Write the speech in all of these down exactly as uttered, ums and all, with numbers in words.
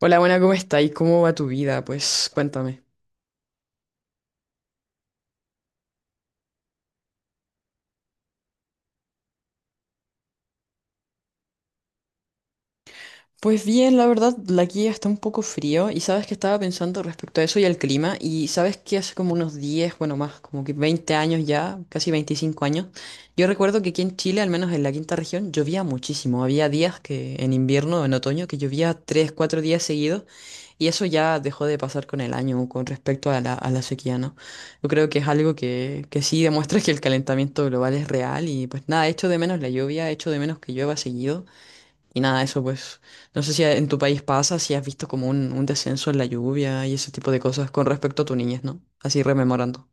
Hola, buena, ¿cómo está? ¿Y cómo va tu vida? Pues cuéntame. Pues bien, la verdad, la aquí está un poco frío y sabes que estaba pensando respecto a eso y al clima y sabes que hace como unos diez, bueno, más como que veinte años ya, casi veinticinco años, yo recuerdo que aquí en Chile, al menos en la quinta región, llovía muchísimo. Había días que en invierno, en otoño, que llovía tres, cuatro días seguidos. Y eso ya dejó de pasar con el año con respecto a la, a la sequía, ¿no? Yo creo que es algo que, que sí demuestra que el calentamiento global es real y pues nada, echo de menos la lluvia, echo de menos que llueva seguido y nada, eso pues no sé si en tu país pasa, si has visto como un, un descenso en la lluvia y ese tipo de cosas con respecto a tu niñez, ¿no? Así rememorando.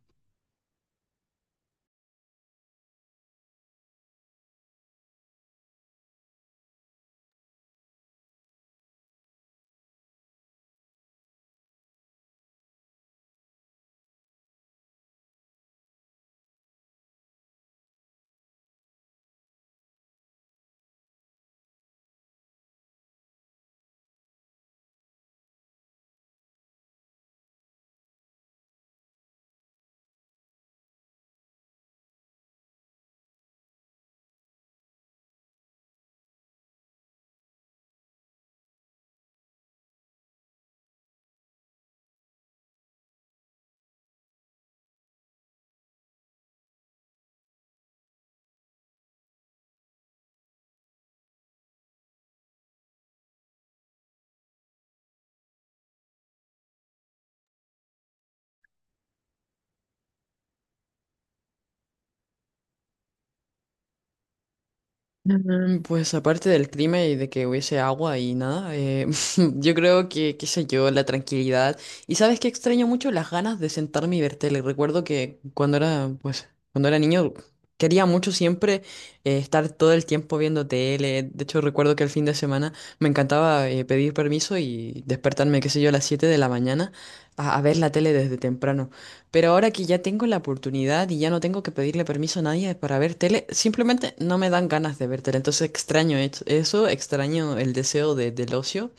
Mm, pues aparte del clima y de que hubiese agua y nada, eh, yo creo que, qué sé yo, la tranquilidad. Y sabes que extraño mucho las ganas de sentarme y ver tele. Recuerdo que cuando era, pues, cuando era niño quería mucho siempre eh, estar todo el tiempo viendo tele. De hecho, recuerdo que el fin de semana me encantaba eh, pedir permiso y despertarme, qué sé yo, a las siete de la mañana a, a ver la tele desde temprano. Pero ahora que ya tengo la oportunidad y ya no tengo que pedirle permiso a nadie para ver tele, simplemente no me dan ganas de ver tele. Entonces extraño es- eso, extraño el deseo de, del ocio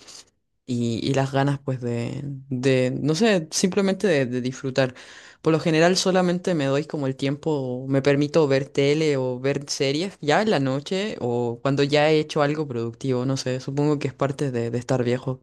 y, y las ganas pues de, de, no sé, simplemente de, de disfrutar. Por lo general solamente me doy como el tiempo, me permito ver tele o ver series ya en la noche o cuando ya he hecho algo productivo, no sé, supongo que es parte de, de estar viejo.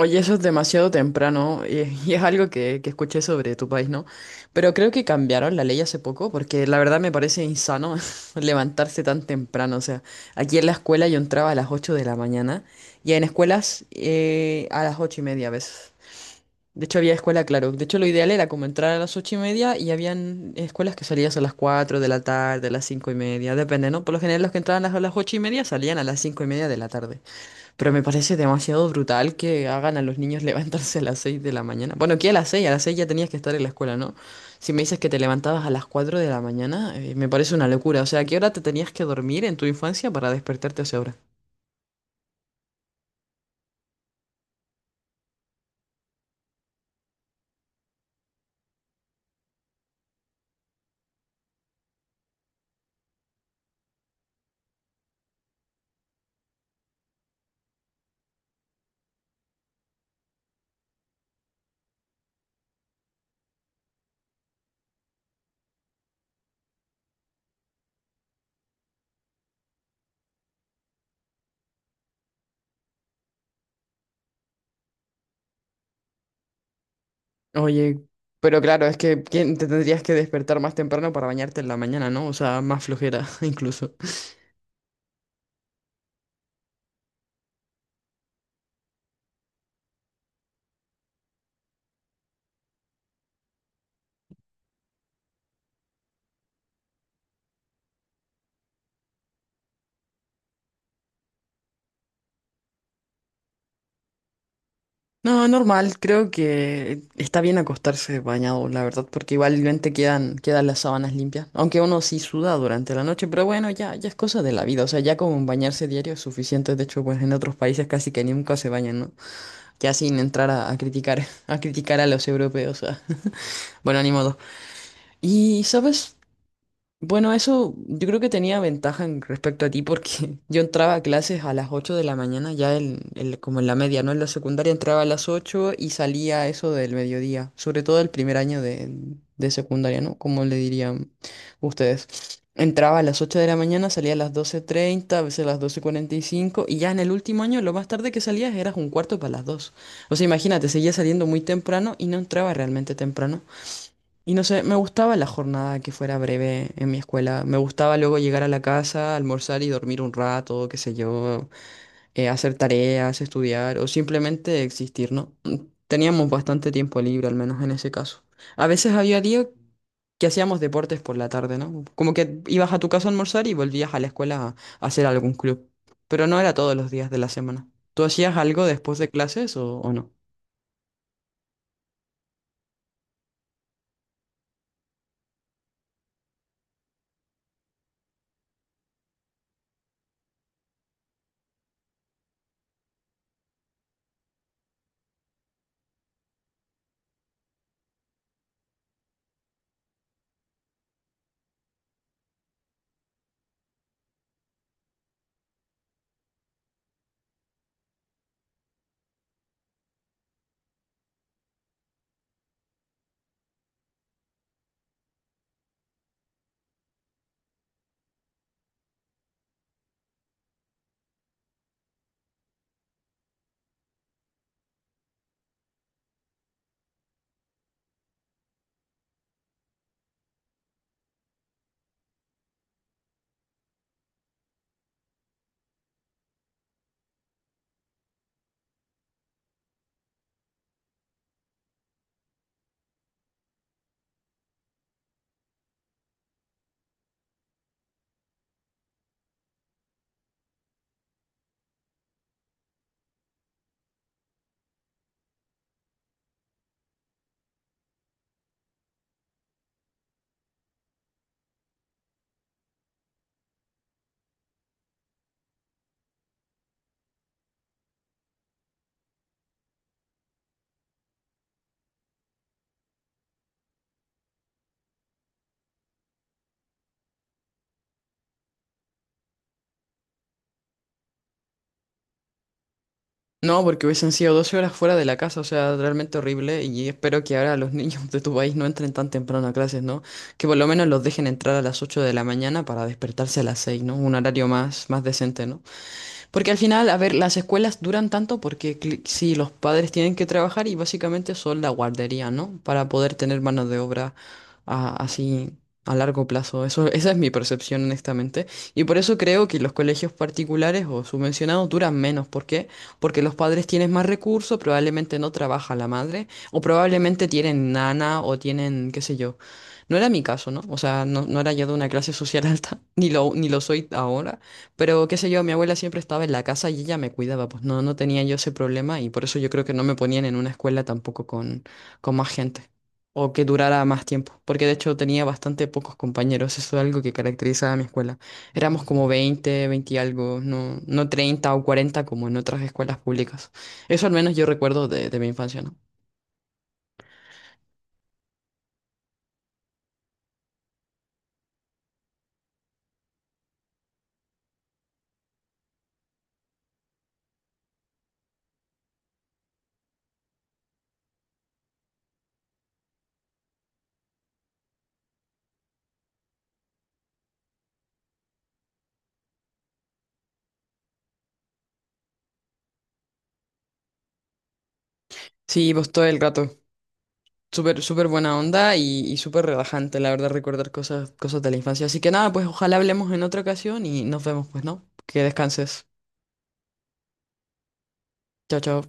Oye, eso es demasiado temprano y, y es algo que, que escuché sobre tu país, ¿no? Pero creo que cambiaron la ley hace poco porque la verdad me parece insano levantarse tan temprano. O sea, aquí en la escuela yo entraba a las ocho de la mañana y en escuelas eh, a las ocho y media a veces. De hecho, había escuela, claro. De hecho, lo ideal era como entrar a las ocho y media y habían escuelas que salías a las cuatro de la tarde, a las cinco y media, depende, ¿no? Por lo general los que entraban a las ocho y media salían a las cinco y media de la tarde. Pero me parece demasiado brutal que hagan a los niños levantarse a las seis de la mañana. Bueno, aquí a las seis, a las seis ya tenías que estar en la escuela, ¿no? Si me dices que te levantabas a las cuatro de la mañana, eh, me parece una locura. O sea, ¿a qué hora te tenías que dormir en tu infancia para despertarte a esa hora? Oye, pero claro, es que ¿quién te tendrías que despertar más temprano para bañarte en la mañana, ¿no? O sea, más flojera incluso. No, normal, creo que está bien acostarse bañado, la verdad, porque igualmente quedan, quedan las sábanas limpias, aunque uno sí suda durante la noche, pero bueno, ya, ya es cosa de la vida, o sea, ya como bañarse diario es suficiente, de hecho, pues en otros países casi que nunca se bañan, ¿no? Ya sin entrar a, a criticar, a criticar a los europeos, ah. Bueno, ni modo. Y, ¿sabes? Bueno, eso yo creo que tenía ventaja en respecto a ti porque yo entraba a clases a las ocho de la mañana, ya en- en- como en la media, ¿no? En la secundaria entraba a las ocho y salía a eso del mediodía, sobre todo el primer año de, de secundaria, ¿no? Como le dirían ustedes. Entraba a las ocho de la mañana, salía a las doce treinta a veces a las doce cuarenta y cinco y ya en el último año lo más tarde que salías eras un cuarto para las dos. O sea, imagínate, seguía saliendo muy temprano y no entraba realmente temprano. Y no sé, me gustaba la jornada que fuera breve en mi escuela. Me gustaba luego llegar a la casa, almorzar y dormir un rato, qué sé yo, eh, hacer tareas, estudiar o simplemente existir, ¿no? Teníamos bastante tiempo libre, al menos en ese caso. A veces había días que hacíamos deportes por la tarde, ¿no? Como que ibas a tu casa a almorzar y volvías a la escuela a hacer algún club. Pero no era todos los días de la semana. ¿Tú hacías algo después de clases o, o no? No, porque hubiesen sido doce horas fuera de la casa, o sea, realmente horrible. Y espero que ahora los niños de tu país no entren tan temprano a clases, ¿no? Que por lo menos los dejen entrar a las ocho de la mañana para despertarse a las seis, ¿no? Un horario más, más decente, ¿no? Porque al final, a ver, las escuelas duran tanto porque cl- sí, los padres tienen que trabajar y básicamente son la guardería, ¿no? Para poder tener mano de obra a- así a largo plazo. Eso, esa es mi percepción, honestamente. Y por eso creo que los colegios particulares o subvencionados duran menos. ¿Por qué? Porque los padres tienen más recursos, probablemente no trabaja la madre, o probablemente tienen nana o tienen, qué sé yo. No era mi caso, ¿no? O sea, no, no era yo de una clase social alta, ni lo, ni lo soy ahora. Pero qué sé yo, mi abuela siempre estaba en la casa y ella me cuidaba, pues no, no tenía yo ese problema y por eso yo creo que no me ponían en una escuela tampoco con, con más gente o que durara más tiempo, porque de hecho tenía bastante pocos compañeros, eso es algo que caracteriza a mi escuela. Éramos como veinte 20 y algo, no, no treinta o cuarenta como en otras escuelas públicas. Eso al menos yo recuerdo de, de mi infancia, ¿no? Sí, pues todo el rato. Súper, súper buena onda y, y súper relajante, la verdad, recordar cosas, cosas de la infancia. Así que nada, pues ojalá hablemos en otra ocasión y nos vemos, pues, ¿no? Que descanses. Chao, chao.